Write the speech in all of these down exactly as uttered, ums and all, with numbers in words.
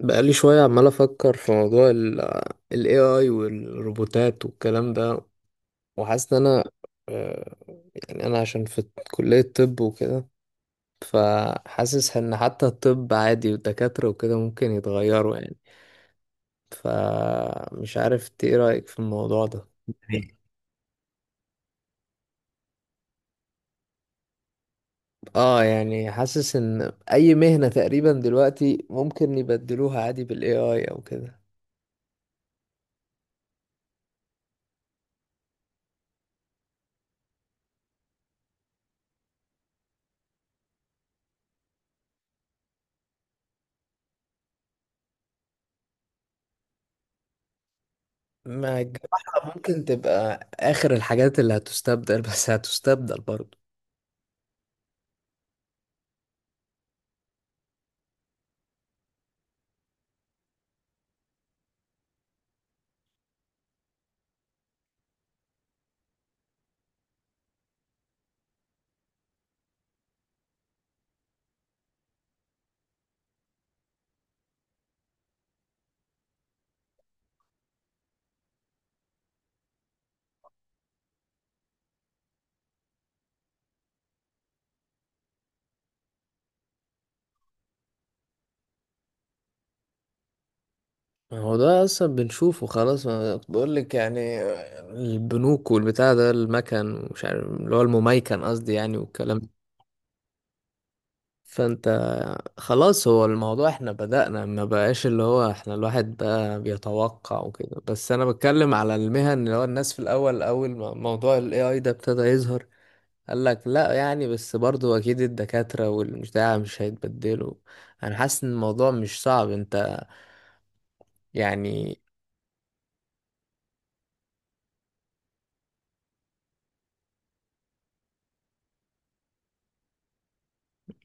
بقالي شوية عمال أفكر في موضوع ال ال إيه آي والروبوتات والكلام ده. وحاسس إن أنا آه، يعني أنا عشان في كلية طب وكده، فحاسس إن حتى الطب عادي والدكاترة وكده ممكن يتغيروا يعني. فمش عارف إنت إيه رأيك في الموضوع ده؟ اه يعني حاسس ان اي مهنة تقريبا دلوقتي ممكن يبدلوها عادي بال A I او كده. ما الجراحة ممكن تبقى آخر الحاجات اللي هتستبدل، بس هتستبدل برضه. ما هو ده أصلا بنشوفه خلاص، ما بقول لك يعني، البنوك والبتاع ده المكن ومش عارف اللي هو المميكن قصدي يعني، والكلام ده. فأنت خلاص، هو الموضوع احنا بدأنا ما بقاش اللي هو احنا الواحد بقى بيتوقع وكده، بس أنا بتكلم على المهن اللي هو الناس في الأول، أول ما موضوع ال إيه آي ده ابتدى يظهر قال لك لا يعني، بس برضو اكيد الدكاترة والبتاع مش هيتبدلوا. انا حاسس ان الموضوع مش صعب انت، يعني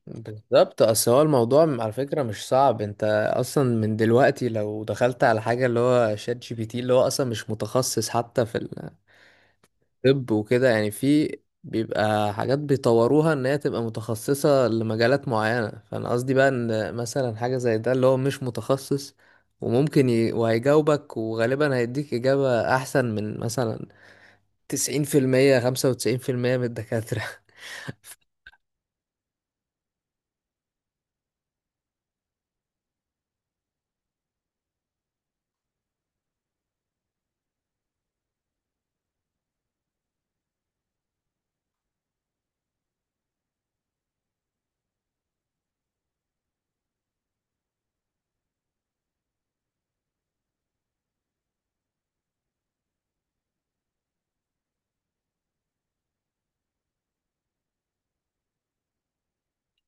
بالظبط. اصل هو الموضوع م- على فكرة مش صعب انت. اصلا من دلوقتي لو دخلت على حاجة اللي هو شات جي بي تي، اللي هو اصلا مش متخصص حتى في ال... طب وكده، يعني في بيبقى حاجات بيطوروها ان هي تبقى متخصصة لمجالات معينة. فانا قصدي بقى ان مثلا حاجة زي ده اللي هو مش متخصص، وممكن ي... وهيجاوبك وغالبا هيديك إجابة أحسن من مثلا تسعين في المية، خمسة وتسعين في المية من الدكاترة.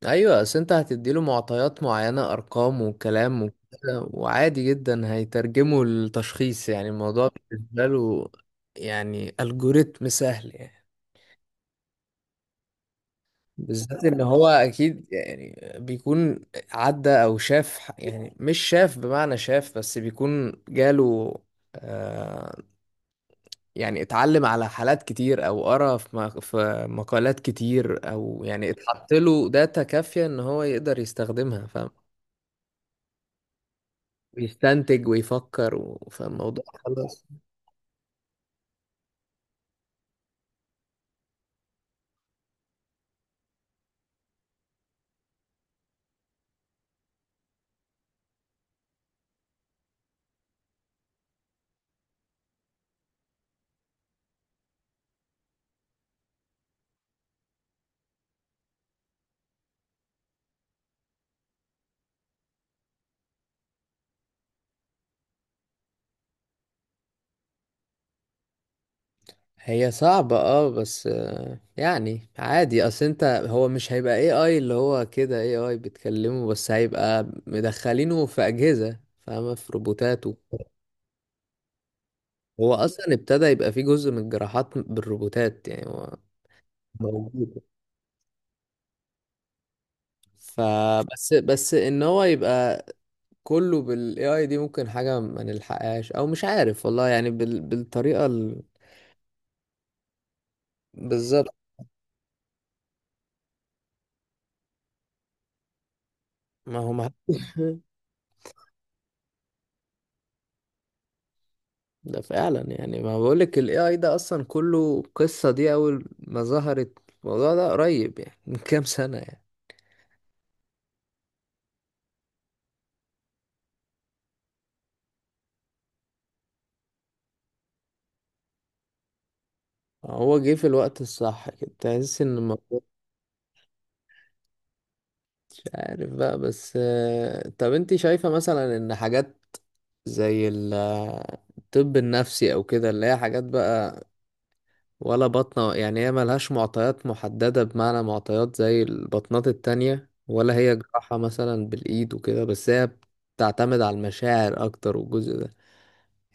أيوة، أصل أنت هتديله معطيات معينة، أرقام وكلام وكده، وعادي جدا هيترجمه لتشخيص، يعني الموضوع بالنسبة له يعني ألجوريتم سهل يعني. بالذات ان هو اكيد يعني بيكون عدى او شاف ح- يعني مش شاف بمعنى شاف، بس بيكون جاله آه يعني اتعلم على حالات كتير، او قرا في مق- في مقالات كتير، او يعني اتحط له داتا كافية ان هو يقدر يستخدمها، فاهم، ويستنتج ويفكر و- فالموضوع خلاص. هي صعبة اه، بس آه، يعني عادي. اصل انت هو مش هيبقى اي اي اللي هو كده اي اي بتكلمه، بس هيبقى مدخلينه في اجهزة، فاهمة، في روبوتات و- هو اصلا ابتدى يبقى فيه جزء من الجراحات بالروبوتات، يعني هو موجود. فبس بس ان هو يبقى كله بالاي اي دي، ممكن حاجة ما نلحقهاش او مش عارف والله، يعني بال... بالطريقة ال... بالظبط. ما هو ما ده فعلا، يعني ما بقولك، ال إيه آي ده أصلا كله، قصة دي أول ما ظهرت الموضوع ده قريب يعني، من كام سنة يعني. هو جه في الوقت الصح كده، تحس إن الموضوع مش عارف بقى. بس آه، طب أنت شايفة مثلا إن حاجات زي ال- الطب النفسي أو كده، اللي هي حاجات بقى ولا بطنة، يعني هي ملهاش معطيات محددة، بمعنى معطيات زي البطنات التانية، ولا هي جراحة مثلا بالإيد وكده، بس هي بتعتمد على المشاعر أكتر، والجزء ده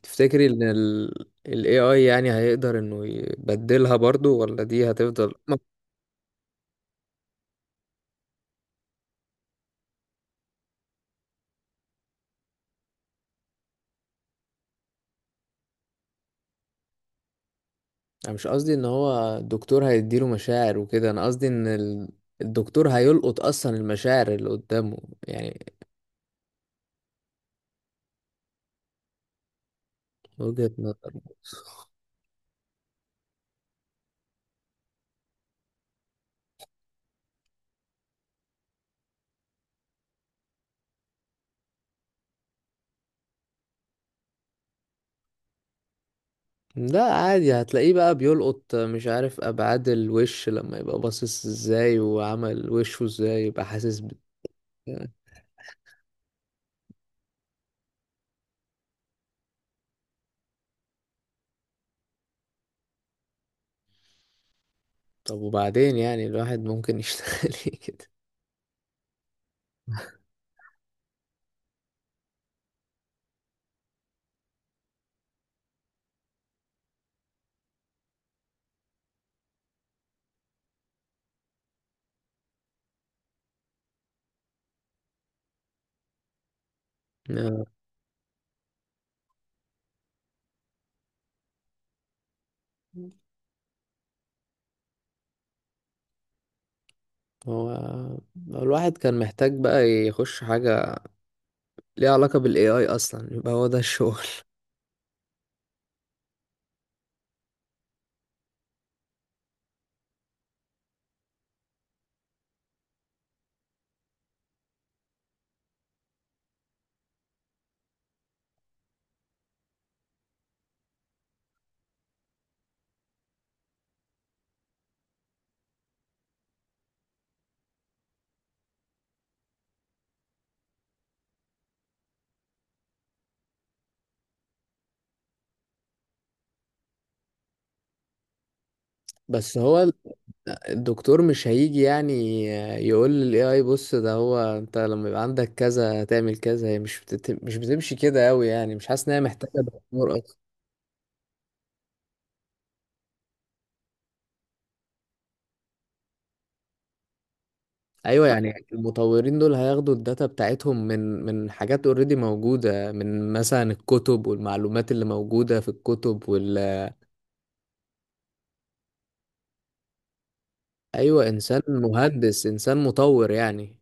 تفتكري ان ال ال إيه آي يعني هيقدر انه يبدلها برضو، ولا دي هتفضل ما- انا مش قصدي ان هو الدكتور هيديله مشاعر وكده، انا قصدي ان ال- الدكتور هيلقط اصلا المشاعر اللي قدامه يعني. وجهة نظر. لا، عادي هتلاقيه بقى بيلقط مش عارف ابعاد الوش، لما يبقى باصص ازاي وعمل وشه ازاي يبقى حاسس ب... طب وبعدين يعني الواحد ممكن يشتغل إيه كده؟ آه، هو الواحد كان محتاج بقى يخش حاجة ليه علاقة بالاي اي اصلا، يبقى هو ده الشغل. بس هو ال- الدكتور مش هيجي يعني يقول للاي اي بص، ده هو انت لما يبقى عندك كذا تعمل كذا. هي مش بتت... مش بتمشي كده قوي، يعني مش حاسس ان هي محتاجة دكتور اصلا. ايوه يعني المطورين دول هياخدوا الداتا بتاعتهم من من حاجات اوريدي موجودة، من مثلا الكتب والمعلومات اللي موجودة في الكتب وال ايوه، انسان مهندس، انسان مطور يعني،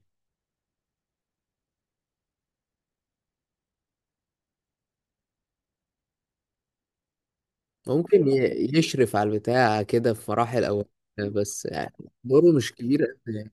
ممكن ي- يشرف على البتاع كده في مراحل أول، بس يعني دوره مش كبير قد يعني.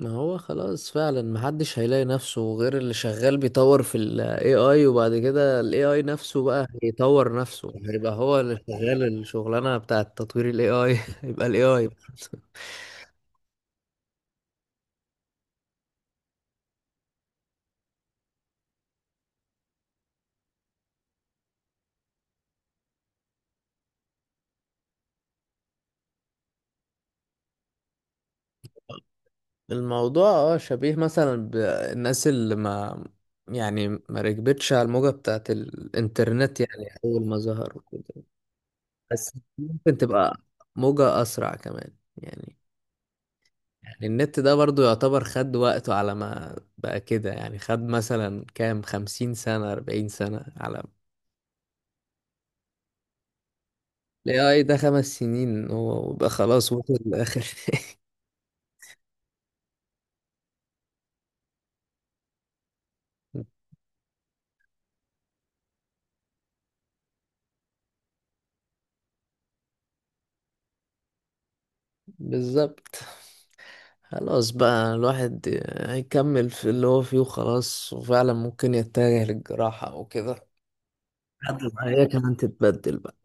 ما هو خلاص، فعلا محدش هيلاقي نفسه غير اللي شغال بيطور في ال إيه آي، وبعد كده ال إيه آي نفسه بقى هيطور نفسه، هيبقى هو اللي شغال الشغلانة بتاعة تطوير ال إيه آي، يبقى ال إيه آي الموضوع. اه شبيه مثلا بالناس اللي ما، يعني ما ركبتش على الموجة بتاعة الانترنت، يعني أول ما ظهر وكده. بس ممكن تبقى موجة أسرع كمان يعني. يعني النت ده برضو يعتبر خد وقته على ما بقى كده، يعني خد مثلا كام، خمسين سنة، أربعين سنة، على ال إيه آي ده خمس سنين هو وبقى خلاص وصل لآخر. بالظبط. خلاص بقى، الواحد هيكمل في اللي هو فيه وخلاص، وفعلا ممكن يتجه للجراحة أو كده لحد ما هي كمان تتبدل بقى.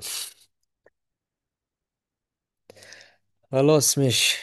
خلاص ماشي.